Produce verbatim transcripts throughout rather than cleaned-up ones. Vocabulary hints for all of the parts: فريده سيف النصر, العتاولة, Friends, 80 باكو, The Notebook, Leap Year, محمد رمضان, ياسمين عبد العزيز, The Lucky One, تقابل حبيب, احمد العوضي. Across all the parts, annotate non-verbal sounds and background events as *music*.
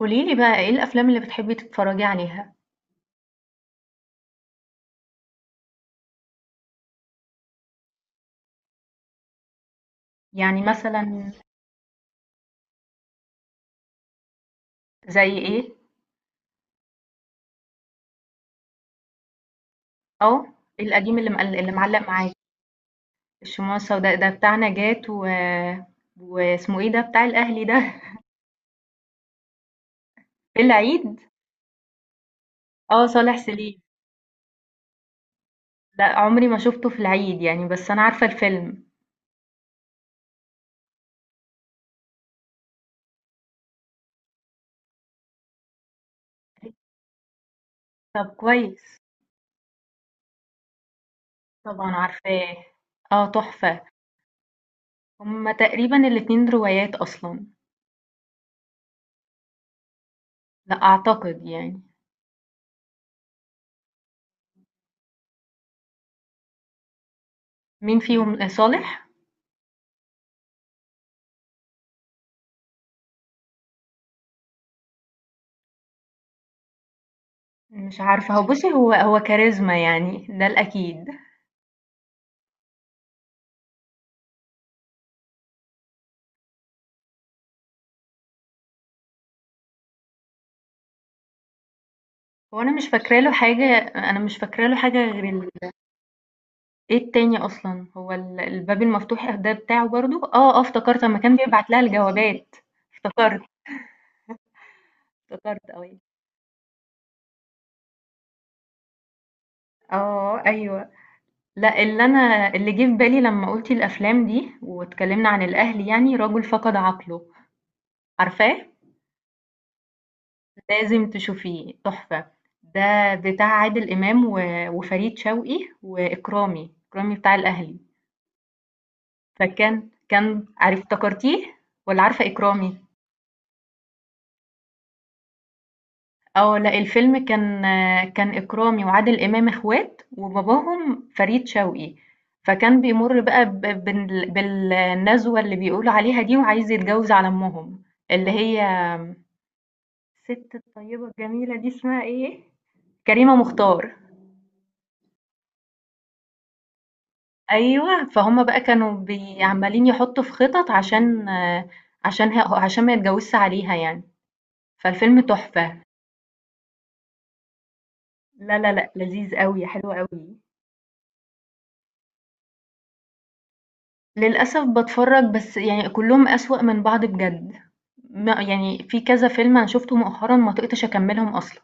قولي لي بقى إيه الأفلام اللي بتحبي تتفرجي عليها؟ يعني مثلًا زي إيه؟ آه، القديم اللي مقل اللي معلّق معاكِ، الشموع السوداء ده بتاع نجاة و واسمه إيه ده بتاع الأهلي ده *laughs* في العيد؟ آه، صالح سليم، لأ عمري ما شُفته في العيد يعني بس أنا عارفة الفيلم. طب كويس، طبعًا عارفاه، آه تحفة. هُم تقريبًا الاتنين روايات أصلًا، لأ أعتقد يعني. مين فيهم آه، صالح؟ مش عارفة هو بُصّي، هو هو كاريزما يعني ده الأكيد. هو أنا مش فاكرة له حاجة أنا مش فاكرة له حاجة غير ال إيه التاني أصلًا، هو ال الباب المفتوح ده بتاعه برضه؟ آه، آه افتكرت أمّا كان بيبعت لها الجوابات، افتكرت، افتكرت أيوه. آه، أيوه. لأ، اللي أنا اللي جه في بالي لمّا قُلتِ الأفلام دي واتكلمنا عن الأهل يعني، رجل فقد عقله، عارفاه؟ لازم تشوفيه، تحفة. ده بتاع عادل إمام و وفريد شوقي وإكرامي، إكرامي بتاع الأهلي. فكان كان عارف افتكرتيه والّا عارفة إكرامي؟ آه، لأ الفيلم كان كان إكرامي وعادل إمام إخوات وباباهم فريد شوقي، فكان بيمُر بقى ب بال بالنزوة اللي بيقولوا عليها دي وعايز يتجوز على أمهم، اللي هي الست الطيبة الجميلة دي اسمها إيه؟ كريمة مختار. أيوه، فهُم بقى كانوا بي عمّالين يحطّوا في خطط عشان عشان ه عشان ما يتجوزش عليها يعني، فالفيلم تحفة. لا لا لأ، لذيذ أوي، حلو أوي. للأسف باتفرّج بس يعني كلّهم أسوأ من بعض بجد. ما يعني في كذا فيلم أنا شُفته مؤخرًا ما طِقتش أكمّلهم أصلًا.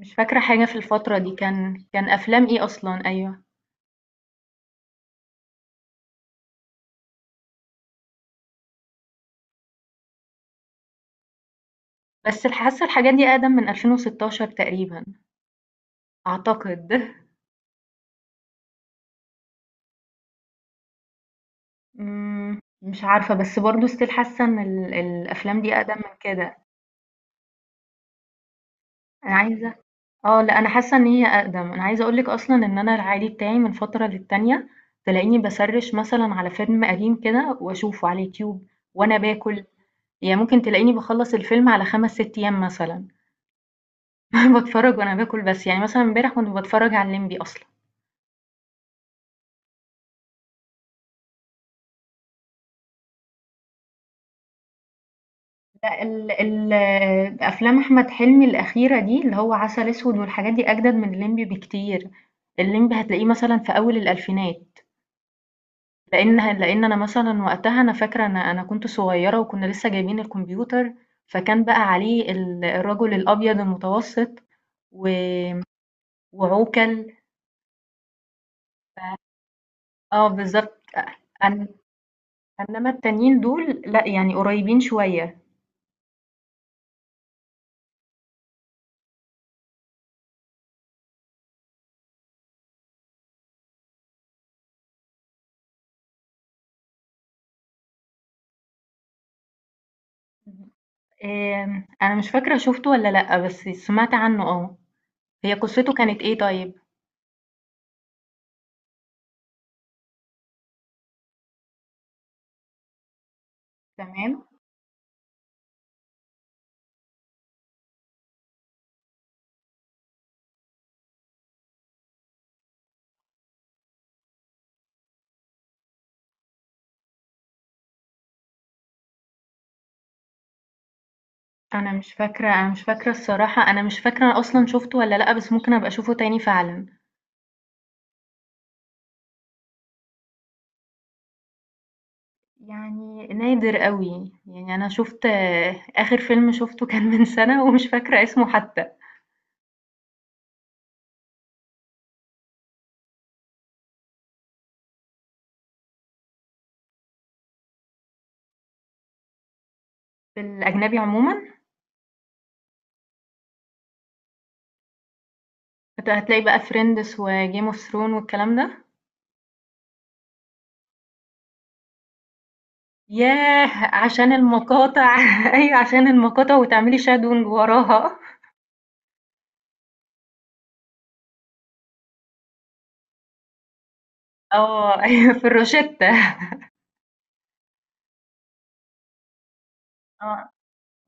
مش فاكرة حاجة في الفترة دي، كان كان أفلام إيه أصلًا؟ أيوه. بس ال حاسّة الحاجات دي أقدم من ألفين وستاشر تقريبًا أعتقد. إمم، مش عارفة، بس برضه still حاسّة إن ال الأفلام دي أقدم من كده. أنا عايزة اه لا انا حاسه ان هي اقدم انا عايزه اقولك اصلا ان انا العادي بتاعي من فتره للتانيه تلاقيني بسرش مثلا على فيلم قديم كده واشوفه على اليوتيوب وانا باكل يعني ممكن تلاقيني بخلص الفيلم على خمس ست ايام مثلا *laughs* بتفرج وانا باكل بس يعني مثلا امبارح كنت بتفرج على الليمبي اصلا لا ال ال افلام احمد حلمي الاخيره دي اللي هو عسل اسود والحاجات دي اجدد من الليمبي بكتير الليمبي هتلاقيه مثلا في اول الالفينات لإن ه لإن أنا مثلًا وقتها أنا فاكرة أنا أنا كنت صغيرة وكنا لسه جايبين الكمبيوتر، فكان بقى عليه ال الرجل الأبيض المتوسط و وعوكل ف آه بالضبط أن إنما التانيين دول لأ، يعني قريبين شوية. آمم، أنا مش فاكرة شُفته والّا لأ، بس سمعت عنه آه. هي قصته كانت إيه طيب؟ تمام. أنا مش فاكرة أنا مش فاكرة الصراحة، أنا مش فاكرة أصلًا شُفته والّا لأ، بس ممكن أبقى أشوفه تاني فعلًا. يعني نادر أوي، يعني أنا شُفت آه، آخر فيلم شُفته كان من سَنة ومش فاكرة اسمه حتى. في الأجنبي عمومًا هت هتلاقي بقى Friends وGame of Thrones والكلام ده، ياه! عشان المقاطع *laughs* أيوه عشان المقاطع وتعملي shadowing وراها آه، أيوه في الروشتة آه،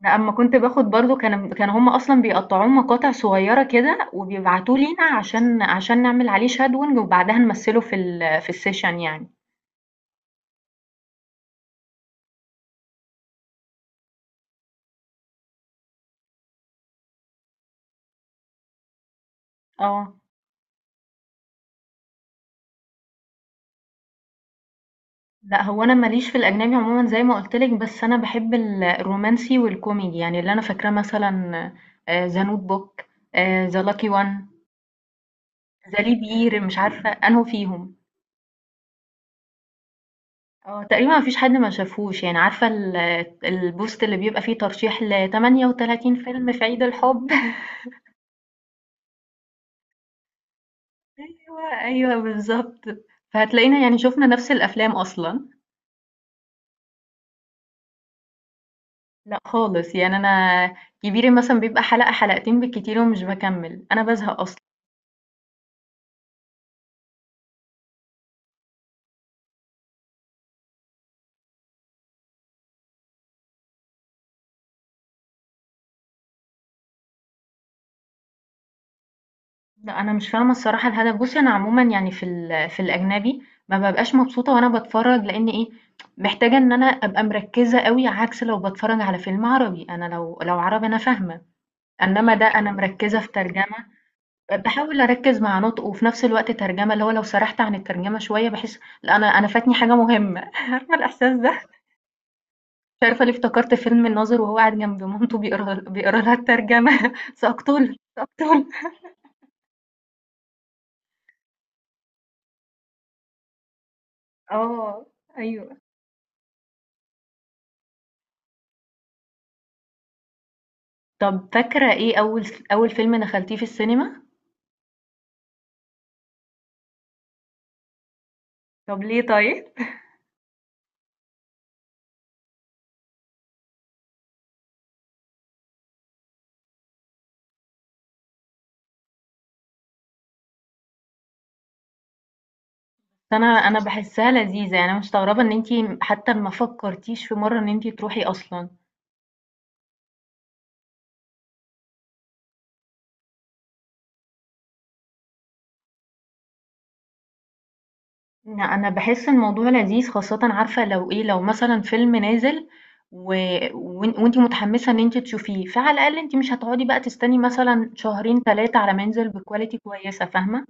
لأ أمّا كنت باخد برضه كان كانوا هُم أصلًا بيقطّعوه مقاطع صغيّرة كده وبيبعتوه لينا عشان عشان نعمل عليه shadowing وبعدها نمثّله في ال في الsession يعني، آه. لأ، هو أنا ماليش في الأجنبي عمومًا زي ما قُلت لِك، بس أنا باحب ال الرومانسي والكوميدي، يعني اللي أنا فاكراه مثلًا آآ The notebook آآ The lucky one The leap year مش عارفة أنهُ فيهم. آه، تقريبًا ما فيش حد ما شافهوش، يعني عارفة ال البوست اللي بيبقى فيه ترشيح ل38 فيلم في عيد الحب *laughs* أيوه، أيوه بالضبط. فهتلاقينا يعني شُفنا نفس الأفلام أصلًا. لأ خالص، يعني أنا كبيري مثلًا بيبقى حلقة، حلقتين بالكتير ومش باكمّل، أنا بازهق أصلًا. لأ، أنا مش فاهمة الصراحة الهدف. بُصّي، أنا عمومًا يعني في ال في الأجنبي ما بابقاش مبسوطة وأنا باتفرّج، لإن إيه، محتاجة إن أنا أبقى مركّزة أوي، عكس لو باتفرّج على فيلم عربي. أنا لو لو عربي أنا فاهمة، إنّما ده أنا مركّزة في ترجمة، باحاول أركّز مع نُطقه وفي نفس الوقت ترجمة، اللي هو لو سرحت عن الترجمة شوية باحس لأ، أنا أنا فاتني حاجة مهمة، *laughs* عارفة الإحساس ده؟ مش عارفة ليه افتكرت فيلم الناظر وهو قاعد جنب مامته بيقرا ل بيقرا لها الترجمة *laughs* سأقتلك، سأقتلك. آه، أيوه. طب فاكرة إيه أول س أول فيلم دخلتيه في السينما؟ طب ليه طيب؟ أنا أنا باحسها لذيذة يعني أنا مستغربة إن أنتِ حتى ما فكرتيش في مرة إن أنتِ تروحي أصلًا. لأ، أنا باحس الموضوع لذيذ خاصةً عارفة لو إيه، لو مثلًا فيلم نازل و وأن وأنتِ متحمسة إن أنتِ تشوفيه، فعلى الأقل أنتِ مش هتقعدي بقى تستني مثلًا شهرين ثلاثة على ما ينزل بquality كويسة فاهمة؟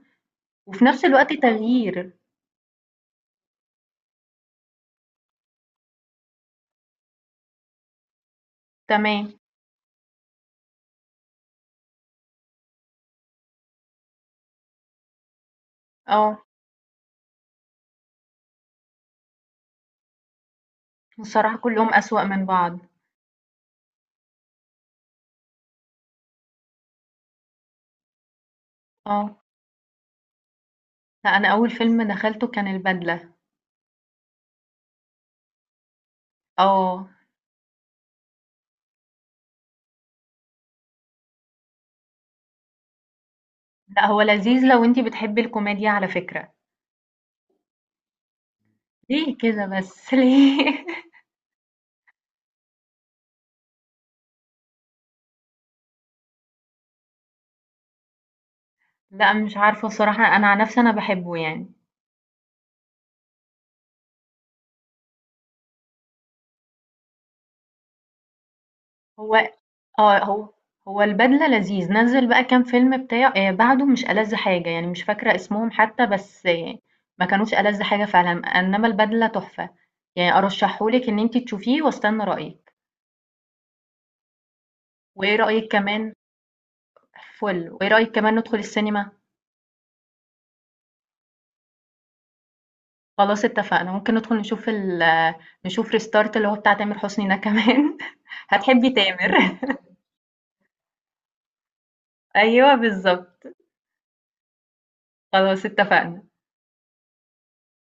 وفي نفس الوقت تغيير. تمام. آه. الصراحة كلّهم أسوأ من بعض. آه. لأ، أنا أول فيلم دخلته كان البدلة. آه، لأ هو لذيذ لو أنتِ بتحبي الكوميديا على فكرة، ليه كده بس *laughs* ليه؟ لأ مش عارفة الصراحة أنا عن نفسي أنا باحبه يعني، هو آه هو هو البدلة لذيذ، نزّل بقى كام فيلم بتاع آآ بعده مش ألذ حاجة، يعني مش فاكرة اسمهم حتى بس آه ما كانوش ألذ حاجة فعلًا، إنما البدلة تحفة، يعني أرشحه لِك إن أنتِ تشوفيه واستنى رأيِك، وإيه رأيِك كمان فُل، وإيه رأيِك كمان ندخل السينما؟ خلاص اتفقنا ممكن ندخل نشوف ال نشوف ريستارت اللي هو بتاع تامر حسني ده كمان *laughs* هتحبي تامر *laughs* ايوه بالظبط خلاص اتفقنا